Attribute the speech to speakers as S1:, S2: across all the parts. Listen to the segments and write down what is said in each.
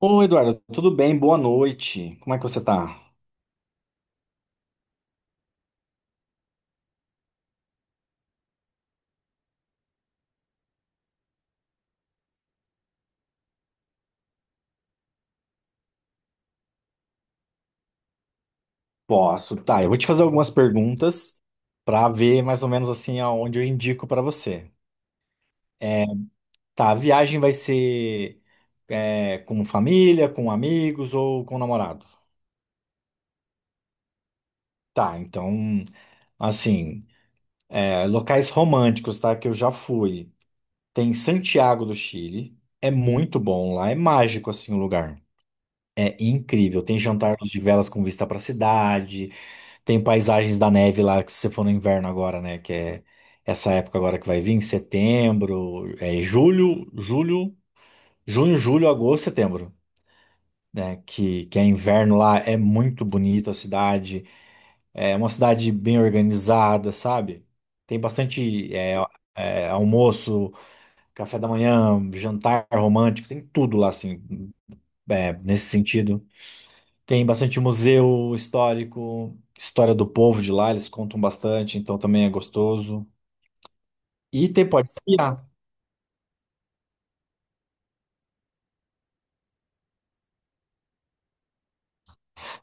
S1: Ô, Eduardo, tudo bem? Boa noite. Como é que você tá? Posso, tá. Eu vou te fazer algumas perguntas pra ver mais ou menos assim aonde eu indico pra você. É, Tá, a viagem vai ser com família, com amigos ou com namorado? Tá, então, assim, locais românticos, tá? Que eu já fui. Tem Santiago do Chile. É muito bom lá, é mágico assim o lugar. É incrível. Tem jantares de velas com vista pra cidade. Tem paisagens da neve lá, que se você for no inverno agora, né? Que é essa época agora que vai vir, em setembro, é julho, julho, junho, julho, agosto, setembro, né? Que é inverno lá, é muito bonito a cidade, é uma cidade bem organizada, sabe? Tem bastante almoço, café da manhã, jantar romântico, tem tudo lá, assim, nesse sentido. Tem bastante museu histórico, história do povo de lá, eles contam bastante, então também é gostoso. E tem, pode esquiar.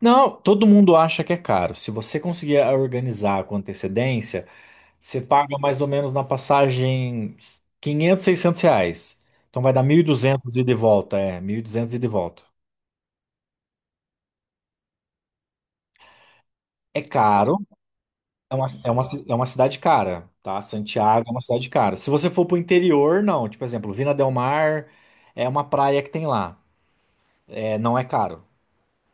S1: Não, todo mundo acha que é caro. Se você conseguir organizar com antecedência, você paga mais ou menos na passagem 500, 600 reais. Então vai dar 1.200 ida e de volta, 1.200 ida e de volta. É caro, é uma cidade cara, tá? Santiago é uma cidade cara. Se você for pro interior, não. Tipo, exemplo, Vina del Mar é uma praia que tem lá. Não é caro,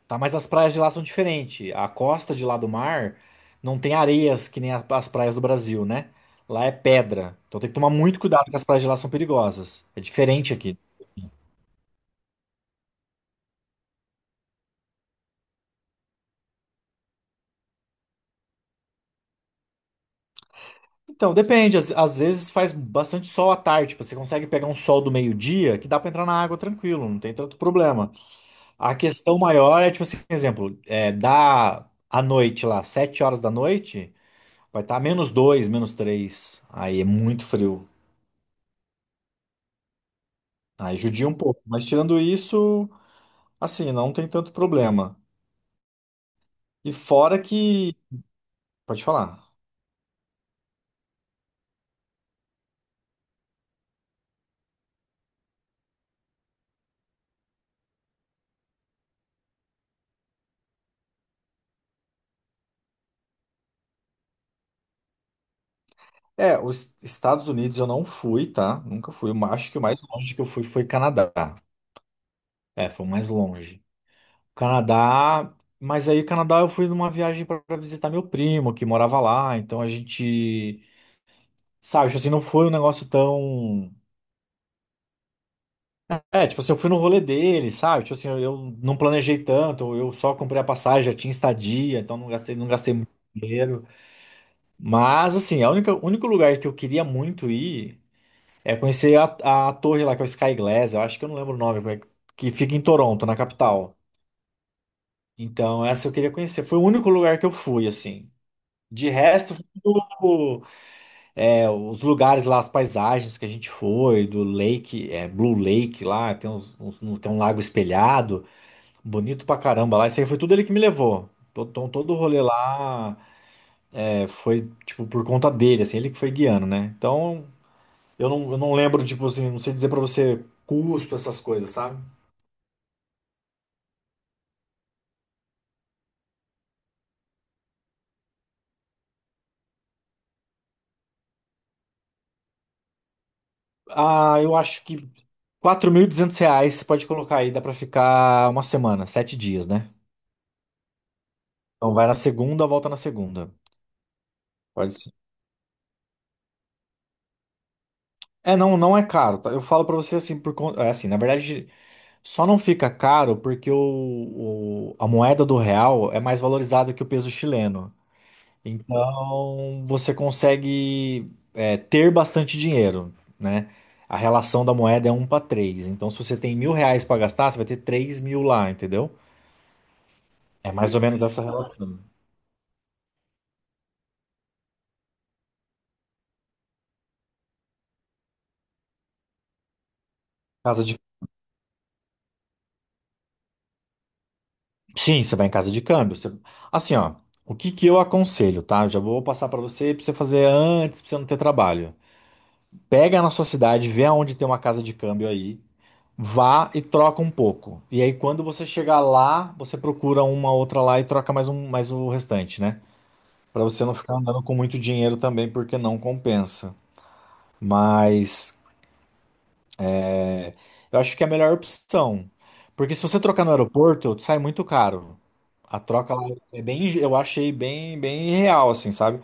S1: tá? Mas as praias de lá são diferentes. A costa de lá do mar não tem areias que nem as praias do Brasil, né? Lá é pedra. Então tem que tomar muito cuidado que as praias de lá são perigosas. É diferente aqui. Então, depende. Às vezes faz bastante sol à tarde. Tipo, você consegue pegar um sol do meio-dia que dá pra entrar na água tranquilo, não tem tanto problema. A questão maior é, tipo assim, exemplo, dá à noite lá, 7 horas da noite, vai estar menos dois, menos três. Aí é muito frio. Aí judia um pouco. Mas tirando isso, assim, não tem tanto problema. E fora que. Pode falar. É, os Estados Unidos eu não fui, tá? Nunca fui. Eu acho que o mais longe que eu fui foi Canadá. É, foi o mais longe. Canadá. Mas aí, Canadá, eu fui numa viagem para visitar meu primo, que morava lá. Então a gente. Sabe, tipo assim, não foi um negócio tão. É, tipo assim, eu fui no rolê dele, sabe? Tipo assim, eu não planejei tanto, eu só comprei a passagem, já tinha estadia, então não gastei, muito dinheiro. Mas, assim, a única, o único lugar que eu queria muito ir é conhecer a torre lá, que é o Sky Glass, eu acho que eu não lembro o nome, mas que fica em Toronto, na capital. Então, essa eu queria conhecer. Foi o único lugar que eu fui, assim. De resto, foi tudo, os lugares lá, as paisagens que a gente foi, do Lake, é, Blue Lake lá, tem um lago espelhado, bonito pra caramba lá. Isso aí foi tudo ele que me levou. Então, todo o rolê lá foi, tipo, por conta dele, assim, ele que foi guiando, né? Então. Eu não lembro, tipo assim, não sei dizer pra você custo, essas coisas, sabe? Ah, eu acho que 4.200 reais você pode colocar aí, dá pra ficar uma semana, 7 dias, né? Então vai na segunda, volta na segunda. Pode ser. Não, não é caro, tá? Eu falo pra você assim, por conta. É assim, na verdade, só não fica caro porque a moeda do real é mais valorizada que o peso chileno. Então, você consegue ter bastante dinheiro, né? A relação da moeda é um para 3. Então, se você tem 1.000 reais para gastar, você vai ter 3.000 lá, entendeu? É mais ou menos essa relação. Casa de... Sim, você vai em casa de câmbio. Você- Assim, ó, o que que eu aconselho, tá? Eu já vou passar para você fazer antes, para você não ter trabalho. Pega na sua cidade, vê aonde tem uma casa de câmbio aí, vá e troca um pouco. E aí, quando você chegar lá, você procura uma outra lá e troca mais um, mais o restante, né? Pra você não ficar andando com muito dinheiro também, porque não compensa. Mas é, eu acho que é a melhor opção. Porque se você trocar no aeroporto, sai muito caro. A troca lá é bem, eu achei bem, bem real, assim, sabe?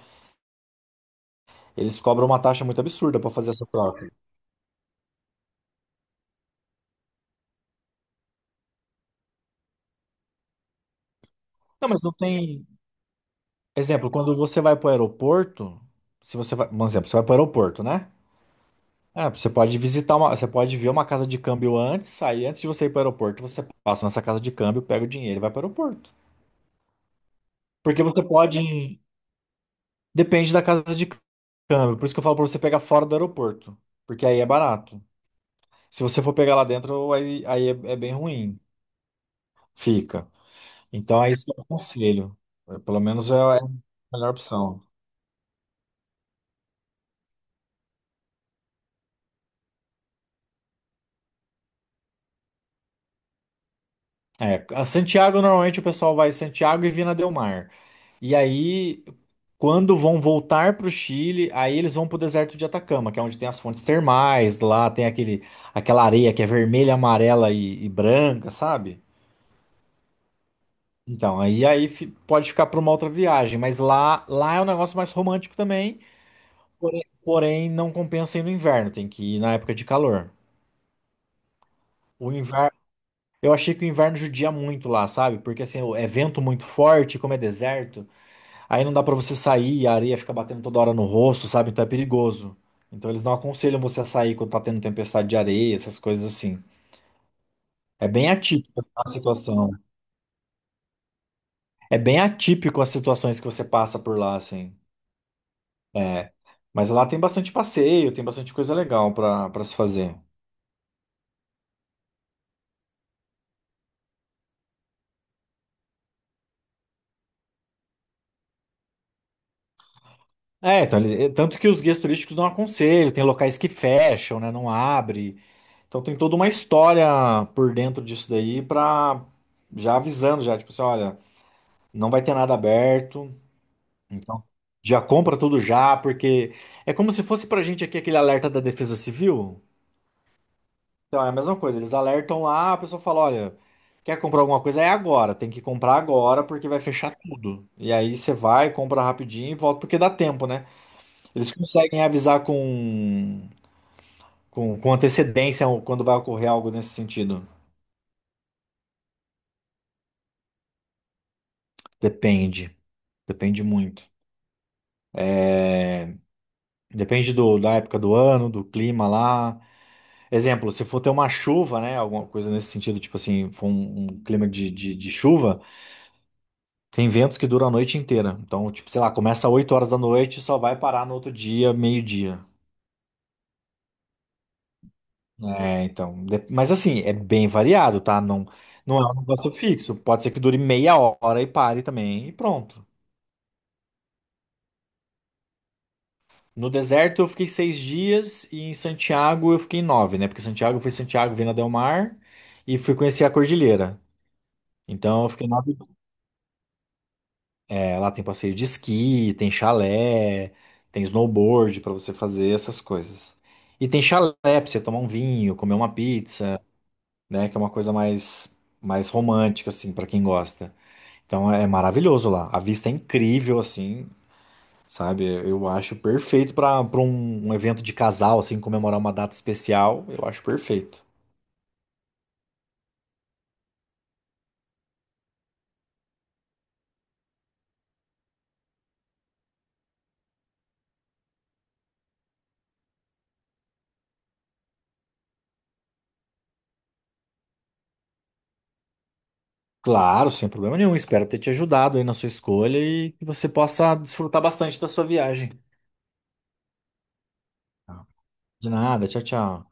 S1: Eles cobram uma taxa muito absurda pra fazer essa troca. Não, mas não tem. Exemplo, quando você vai para o aeroporto, se você vai, um exemplo, você vai para o aeroporto, né? Ah, você pode visitar uma, você pode ver uma casa de câmbio antes, aí antes de você ir para o aeroporto, você passa nessa casa de câmbio, pega o dinheiro e vai para o aeroporto. Porque você pode, depende da casa de câmbio, por isso que eu falo para você pegar fora do aeroporto, porque aí é barato. Se você for pegar lá dentro, aí é, bem ruim, fica. Então é isso que eu aconselho. Pelo menos é a melhor opção. É, a Santiago normalmente o pessoal vai Santiago e Vina del Mar. E aí, quando vão voltar para o Chile, aí eles vão para o deserto de Atacama, que é onde tem as fontes termais, lá tem aquele, aquela areia que é vermelha, amarela e branca, sabe? Então, pode ficar para uma outra viagem, mas lá é um negócio mais romântico também, porém não compensa ir no inverno, tem que ir na época de calor. O inverno, eu achei que o inverno judia muito lá, sabe? Porque assim, é vento muito forte, como é deserto. Aí não dá pra você sair, a areia fica batendo toda hora no rosto, sabe? Então é perigoso. Então eles não aconselham você a sair quando tá tendo tempestade de areia, essas coisas assim. É bem atípico a situação. É bem atípico as situações que você passa por lá, assim. É. Mas lá tem bastante passeio, tem bastante coisa legal pra, pra se fazer. É, então, eles- é, tanto que os guias turísticos não aconselham, tem locais que fecham, né? Não abre. Então tem toda uma história por dentro disso daí pra já avisando, já, tipo assim, olha, não vai ter nada aberto. Então, já compra tudo já, porque é como se fosse pra gente aqui aquele alerta da Defesa Civil. Então, é a mesma coisa, eles alertam lá, a pessoa fala, olha, quer comprar alguma coisa? É agora, tem que comprar agora porque vai fechar tudo. E aí você vai, compra rapidinho e volta, porque dá tempo, né? Eles conseguem avisar com, com antecedência quando vai ocorrer algo nesse sentido. Depende, depende muito. É, Depende do, da época do ano, do clima lá. Exemplo, se for ter uma chuva, né? Alguma coisa nesse sentido, tipo assim, for um clima de chuva, tem ventos que duram a noite inteira. Então, tipo, sei lá, começa 8 horas da noite e só vai parar no outro dia, meio-dia. É, então. Mas assim, é bem variado, tá? Não, não é um negócio fixo. Pode ser que dure meia hora e pare também, e pronto. No deserto eu fiquei 6 dias e em Santiago eu fiquei nove, né? Porque Santiago foi Santiago, Vina del Mar e fui conhecer a cordilheira. Então eu fiquei nove. Lá tem passeio de esqui, tem chalé, tem snowboard pra você fazer essas coisas. E tem chalé pra você tomar um vinho, comer uma pizza, né? Que é uma coisa mais, mais romântica, assim, pra quem gosta. Então é maravilhoso lá. A vista é incrível, assim, sabe? Eu acho perfeito pra para um evento de casal, assim, comemorar uma data especial. Eu acho perfeito. Claro, sem problema nenhum. Espero ter te ajudado aí na sua escolha e que você possa desfrutar bastante da sua viagem. Tá. De nada, tchau, tchau.